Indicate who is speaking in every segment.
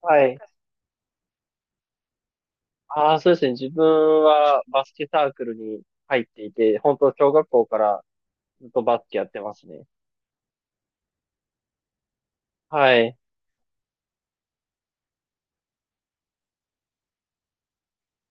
Speaker 1: はい。ああ、そうですね。自分はバスケサークルに入っていて、本当小学校からずっとバスケやってますね。はい。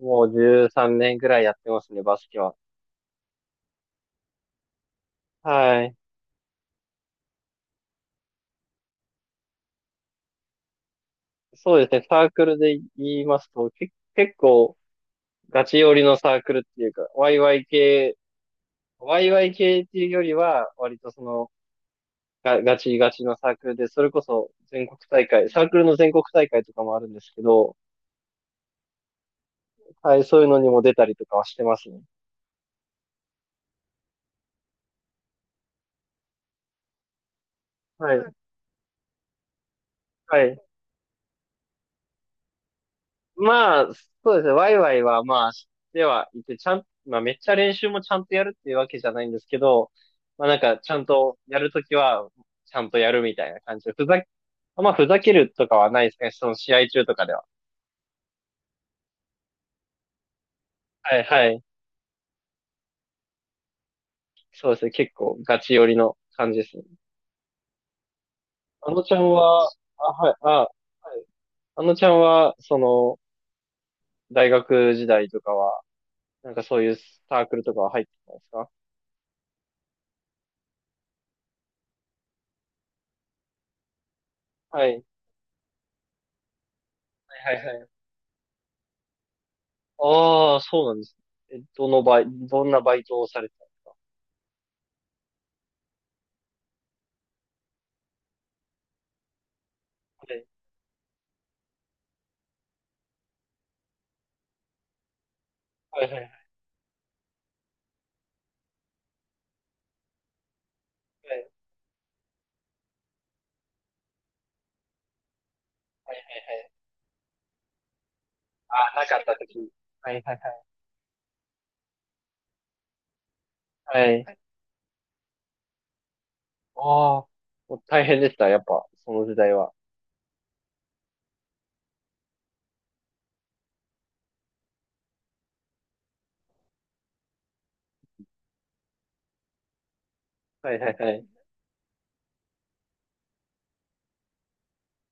Speaker 1: もう13年ぐらいやってますね、バスケは。はい。そうですね。サークルで言いますと、結構ガチ寄りのサークルっていうか、ワイワイ系っていうよりは、割とその、ガガチガチのサークルで、それこそ全国大会、サークルの全国大会とかもあるんですけど、はい、そういうのにも出たりとかはしてますね。はい。はい。まあ、そうですね。ワイワイは、まあ、ではいて、ちゃん、まあ、めっちゃ練習もちゃんとやるっていうわけじゃないんですけど、まあ、なんか、ちゃんとやるときは、ちゃんとやるみたいな感じで、ふざけ、まあ、ふざけるとかはないですね。その試合中とかでは。はいはい。そうですね。結構、ガチ寄りの感じですね。あのちゃんは、あ、はい、あ、はい。あのちゃんは、その、大学時代とかは、なんかそういうサークルとかは入ってたんですか？はい。はいはいはい。ああ、そうなんですね。え、どんなバイトをされてたんですか？はい、はい、はい、はい、はい、はい。はい。ああ、なかった時。はい、はい、はい。はい。ああ、もう大変でした、やっぱ、その時代は。はい、はい、はい。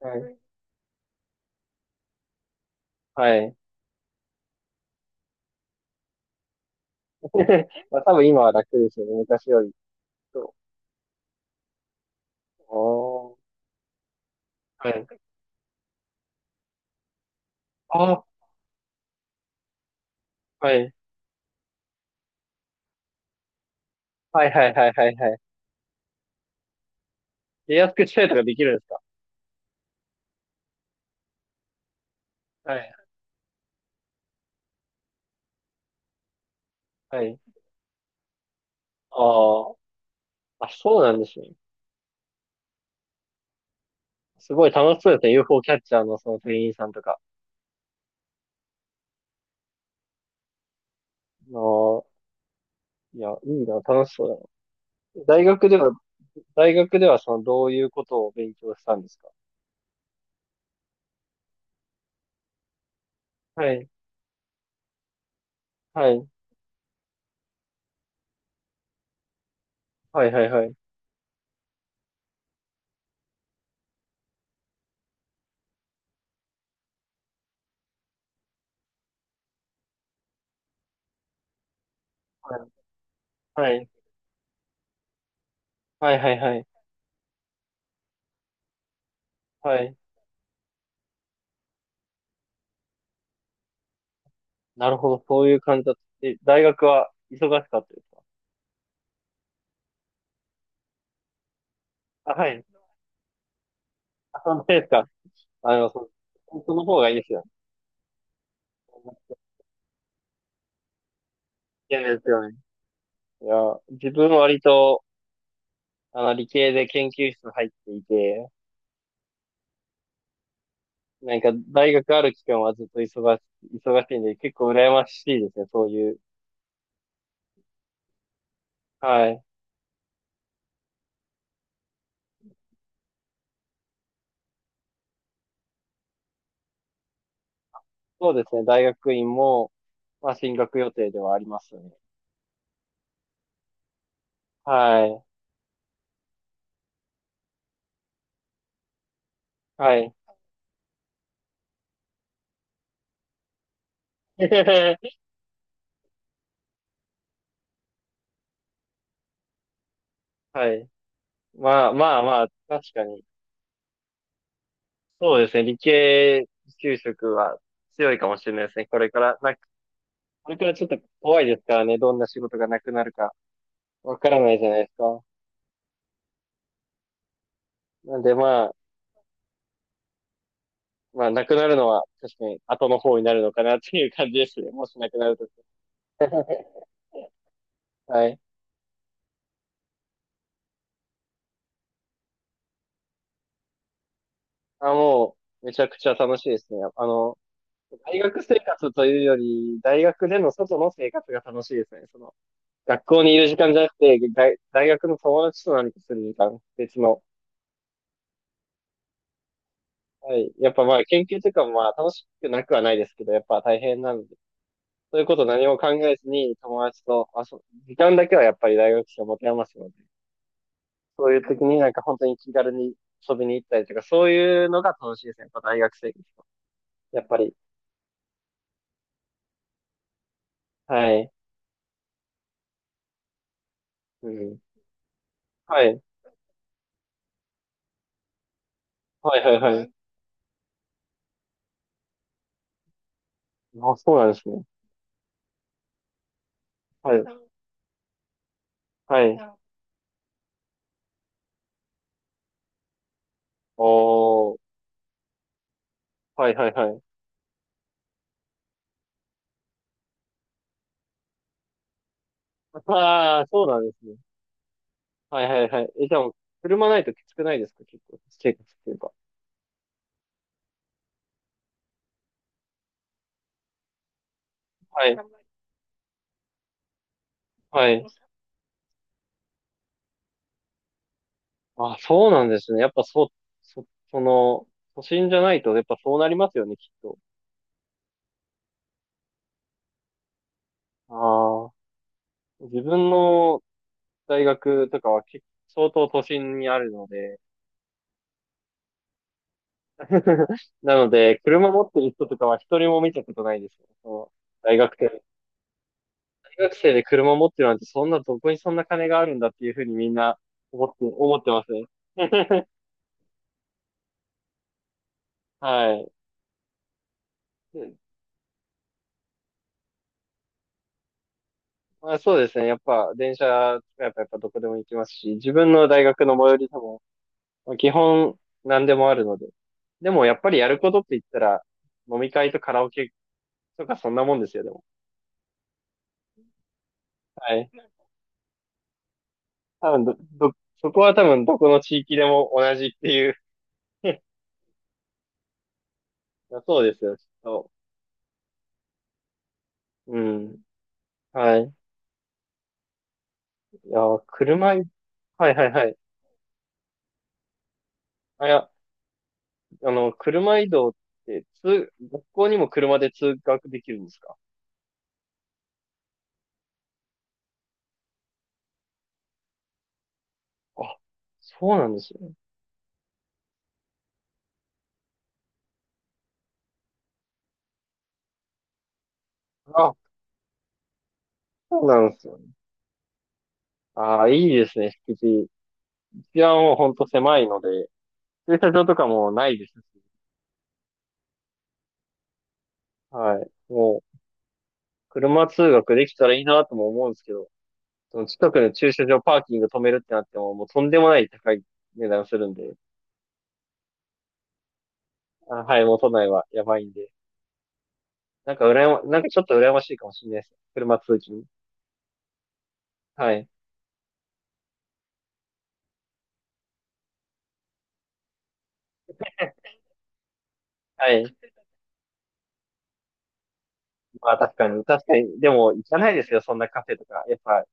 Speaker 1: はい。はい。まあ、多分今は楽ですよね、昔より。そう。ああ、はい。ああ、はい。はい、はい、はい、はい、はい。で、安くしたりとかできるんですか？はい、はい。ああ、あ、そうなんですね。すごい楽しそうですね、UFO キャッチャーのその店員さんとか。ああ、いや、いいな、楽しそうだな。大学では、大学ではその、どういうことを勉強したんですか？はい、はい、はい、はい、はい、はい、はい、はい、はい、はい。なるほど、そういう感じだった。え、大学は忙しかったですか？あ、はい。あ、そうですか。あの、そ、本当の方がいいですよね。いやですよね。いや、自分は割と、あの、理系で研究室入っていて、なんか、大学ある期間はずっと忙し、忙しいんで、結構羨ましいですね、そういう。はい。そうですね。大学院も、まあ、進学予定ではありますね。はい。はい。はい。まあまあまあ、確かに。そうですね。理系就職は強いかもしれないですね。これから、なんか、これからちょっと怖いですからね。どんな仕事がなくなるかわからないじゃないですか。なんでまあ、まあ、なくなるのは確かに後の方になるのかなっていう感じですね。もしなくなるとき。はい。あ、もう、めちゃくちゃ楽しいですね。あの、大学生活というより、大学での外の生活が楽しいですね。その、学校にいる時間じゃなくて、大学の友達と何かする時間、別の。はい。やっぱまあ、研究というかもまあ、楽しくなくはないですけど、やっぱ大変なので、そういうこと何も考えずに友達とあそぶ、時間だけはやっぱり大学生を持て余すので、そういう時になんか本当に気軽に遊びに行ったりとか、そういうのが楽しいですね。やっぱ大学生活とやっぱり。はい。うん。はい。はいはいはい。あ、そうなんですね。はい。はい。おー、はいはいはい。ああ、そうなんですね。はいはいはい。え、じゃあ車ないときつくないですか？結構、生活っていうか。はい。はい。あ、そうなんですね。やっぱそう、そ、その、都心じゃないと、やっぱそうなりますよね、きっと。ああ、自分の大学とかは結相当都心にあるので、なので、車持ってる人とかは一人も見たことないですよ。その大学生学生で車持ってるなんて、そんな、どこにそんな金があるんだっていうふうにみんな思って、思ってますね。はい。まあ、そうですね。やっぱ、電車使えばやっぱどこでも行きますし、自分の大学の最寄りでも、まあ基本何でもあるので。でも、やっぱりやることって言ったら、飲み会とカラオケとかそんなもんですよ、でも。はい。多分ど、ど、そこは多分どこの地域でも同じっていう。 いやそうですよ、きっと。うん。はい。いや、車い、はいはいはい。あ、いや、あの、車移動って、通、学校にも車で通学できるんですか？あ、そうなんですね。あ、そうなんですよね。ああ、いいですね、敷地。治安はほんと狭いので、駐車場とかもないですし。はい。もう、車通学できたらいいなとも思うんですけど、その近くの駐車場パーキング止めるってなっても、もうとんでもない高い値段するんで、あ、はい、もう都内はやばいんで。なんかなんかちょっと羨ましいかもしれないです。車通勤。はい。はい。まあ確かに、確かに。でも行かないですよ、そんなカフェとか。やっぱ、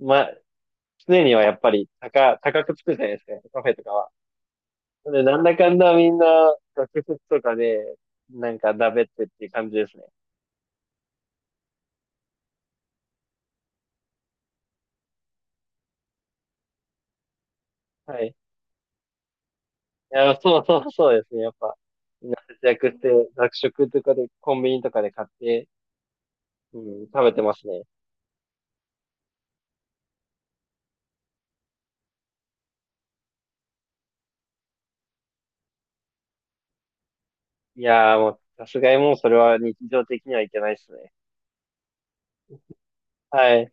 Speaker 1: まあ、常にはやっぱり高くつくじゃないですか、カフェとかは。で、なんだかんだみんな学食とかで、なんかだべってっていう感じですね。はい。いや、そうそうそうですね、やっぱ。みんな節約して、学食とかで、コンビニとかで買って、うん、食べてますね。いやーもう、さすがにもうそれは日常的にはいけないですね。はい。